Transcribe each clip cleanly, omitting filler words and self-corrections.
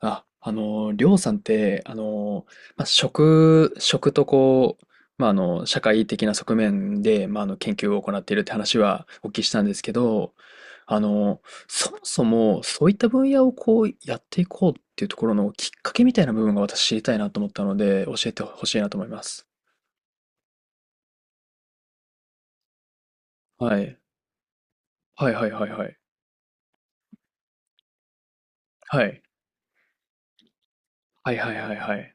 あ、りょうさんって、食とこう、社会的な側面で、研究を行っているって話はお聞きしたんですけど、あの、そもそもそういった分野をこうやっていこうっていうところのきっかけみたいな部分が私知りたいなと思ったので、教えてほしいなと思います。はい。はいはいはいはい。はい。はいはいはいはい。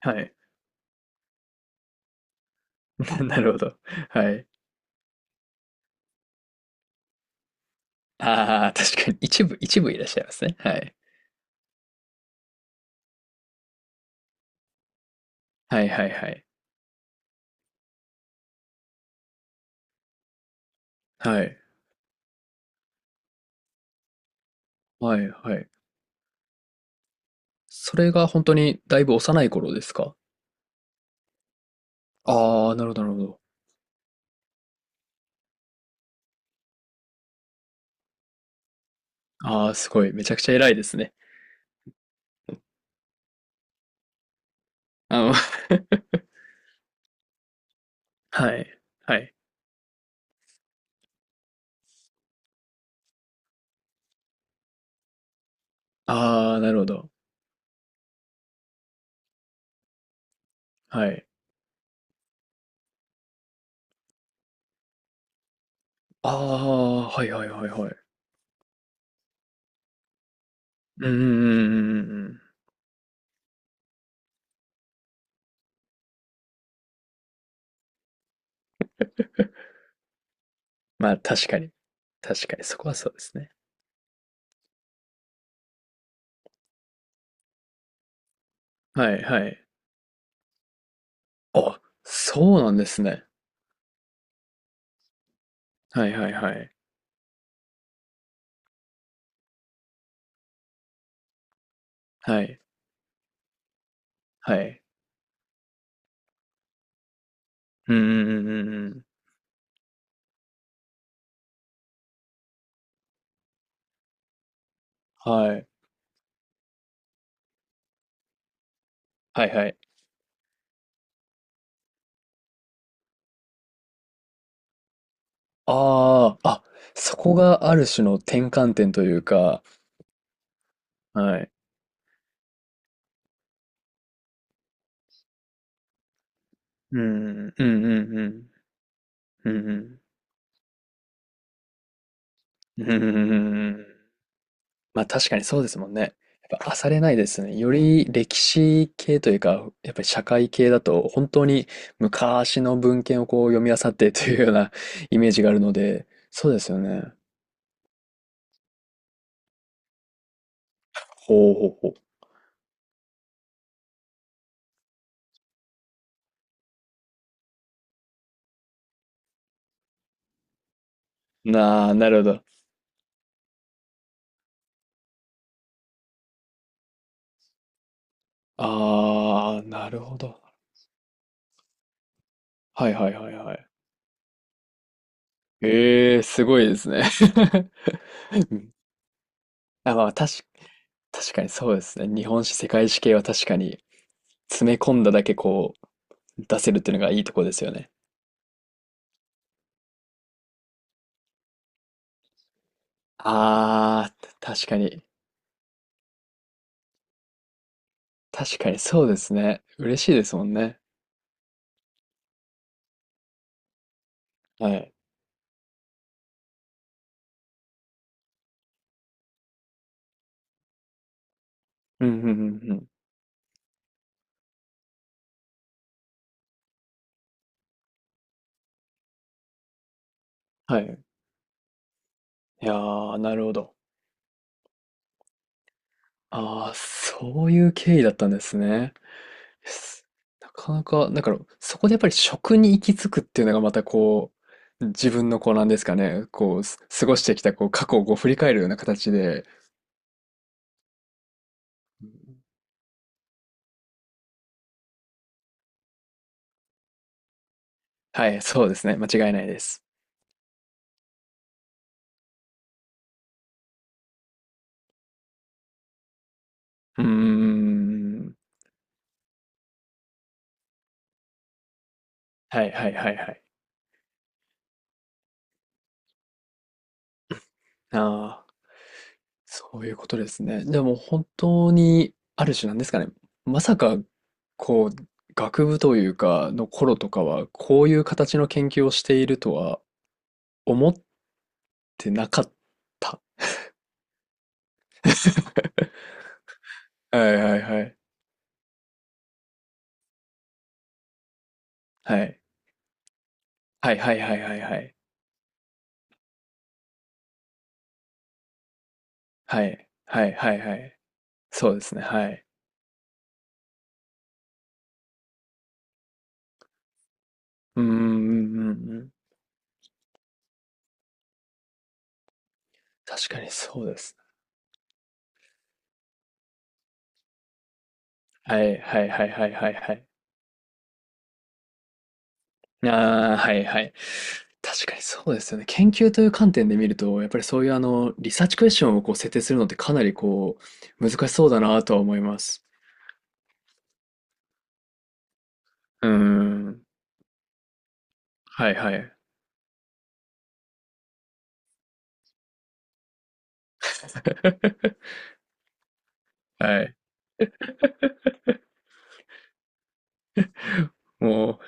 はい。なるほど。はい。ああ、確かに一部いらっしゃいますね。はい。はいはいはい。はい。はいはい。それが本当にだいぶ幼い頃ですか？ああー、なるほどなるほど。ああ、すごい、めちゃくちゃ偉いですね。あの はい、はい。ああ、なるほど。はい。ああ、はいはいはいはい。うんうんうんうんうん まあ確かに。確かにそこはそうですね。はいはい。あ、そうなんですね。はいはいはい。はい、はい。うんうんうんうんうん。はい。はいはい。ああ、あ、そこがある種の転換点というか、はい。うん、うん、うん、うん、うん、うん、うん、うん、うん。まあ確かにそうですもんね。やっぱ漁れないですね。より歴史系というか、やっぱり社会系だと、本当に昔の文献をこう読み漁ってというような イメージがあるので、そうですよね。ほうほうほう。なあ、なるほど。ああ、なるほど。はいはいはいはい。ええ、すごいですね。うんあ、まあ、確かにそうですね。日本史、世界史系は確かに詰め込んだだけこう出せるっていうのがいいとこですよね。ああ、確かに。確かにそうですね。嬉しいですもんね。はい。うんうんうんうん。はい。いやー、なるほど。ああ、そういう経緯だったんですね。すなかなか、だからそこでやっぱり食に行き着くっていうのがまたこう、自分のこうなんですかね、こう、過ごしてきたこう過去をこう振り返るような形で、はい、そうですね。間違いないです。うーん。はいはいはいはい。ああ、そういうことですね。でも本当に、ある種なんですかね。まさか、こう、学部というか、の頃とかは、こういう形の研究をしているとは思ってなかった。はいはいはい。はい。はいはいはいはいはい。はい。はいはいはい。そうですね。はい。うんうんうんうんうん。確かにそうです。はいはいはいはいはいはい。ああ、はいはい。確かにそうですよね。研究という観点で見ると、やっぱりそういうリサーチクエスチョンをこう設定するのってかなりこう、難しそうだなとは思います。うーん。はいはい。はい。もう、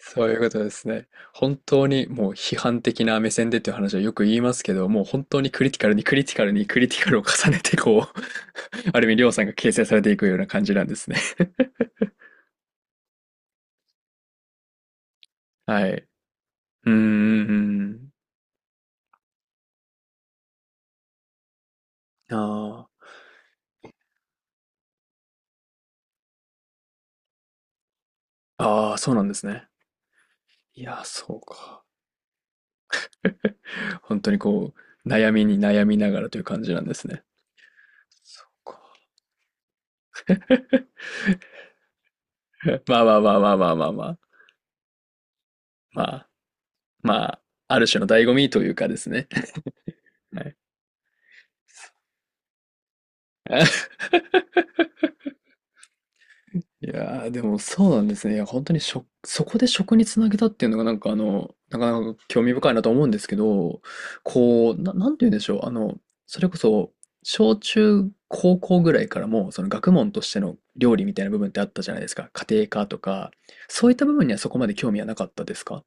そういうことですね。本当にもう批判的な目線でっていう話はよく言いますけど、もう本当にクリティカルにクリティカルにクリティカルを重ねてこう、ある意味りょうさんが形成されていくような感じなんですね。はい。うーん。ああ。ああ、そうなんですね。いやそうか。本当にこう、悩みに悩みながらという感じなんですね。そうか。まあまあまあまあまあまあまあ。まあ、まあ、ある種の醍醐味というかですね。はい。いやー、でもそうなんですね。いや、本当にそこで食につなげたっていうのがなんかなかなか興味深いなと思うんですけど、こう、なんて言うんでしょう。それこそ、小中高校ぐらいからも、その学問としての料理みたいな部分ってあったじゃないですか。家庭科とか、そういった部分にはそこまで興味はなかったですか？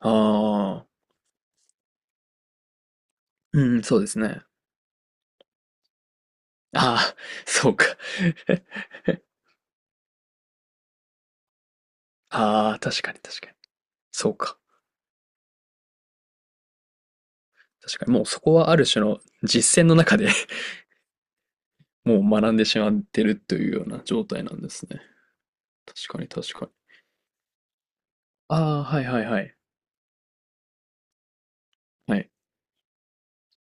ああー、うん、そうですね。ああ、そうか。ああ、確かに確かに。そうか。確かに。もうそこはある種の実践の中でもう学んでしまってるというような状態なんですね。確かに確かに。ああ、はいはいはい。はい。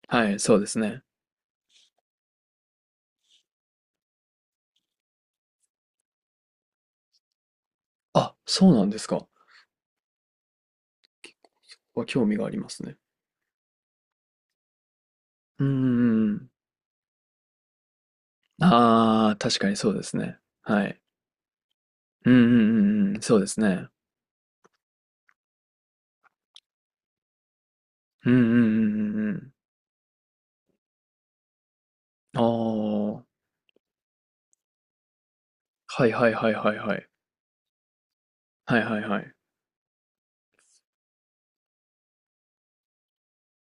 はい、そうですね。あ、そうなんですか。興味がありますね。うんうんうん。ああ、確かにそうですね。はい。うんうんうんうん。そうですね。うんうんうんうんうん。ああ、はいはいはいはいはい。はいはいはい。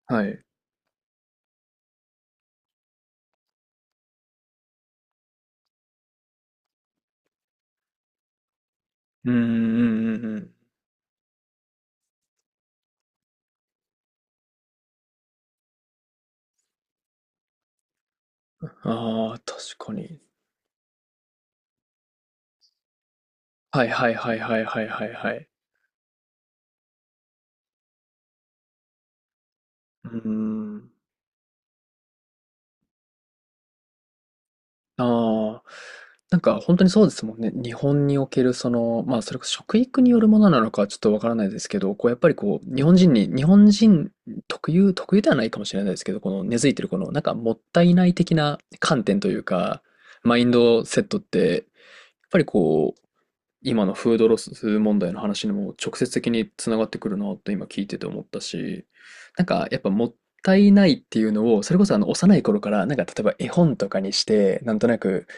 はい。うんうんうんうんうん。ああ、確かに。はいはいはいはいはいはいはい。うーん。ああ、なんか本当にそうですもんね。日本におけるその、まあそれこそ食育によるものなのかはちょっとわからないですけど、こうやっぱりこう、日本人特有ではないかもしれないですけど、この根付いてるこの、なんかもったいない的な観点というか、マインドセットって、やっぱりこう、今のフードロス問題の話にも直接的につながってくるなと今聞いてて思ったし、なんかやっぱもったいないっていうのを、それこそあの幼い頃から、なんか例えば絵本とかにして、なんとなく、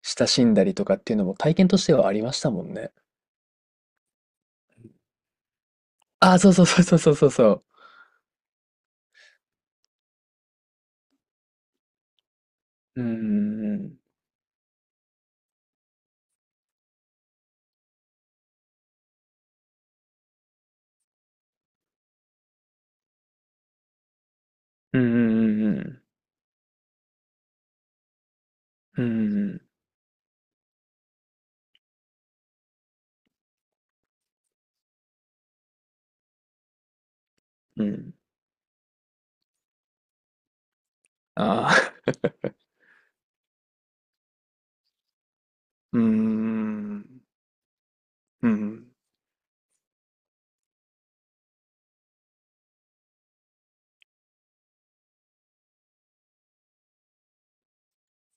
親しんだりとかっていうのも体験としてはありましたもんね。ああ、そうそうそうそうそうそうそう。うんうんうんうんうんうんうんああうんうんうん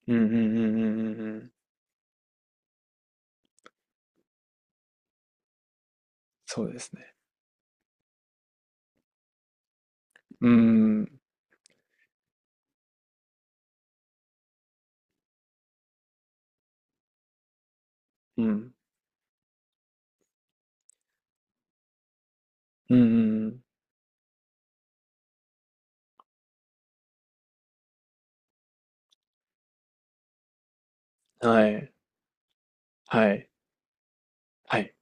うんうんうんうんうんそうですねううんうんうんうんはいはいはい。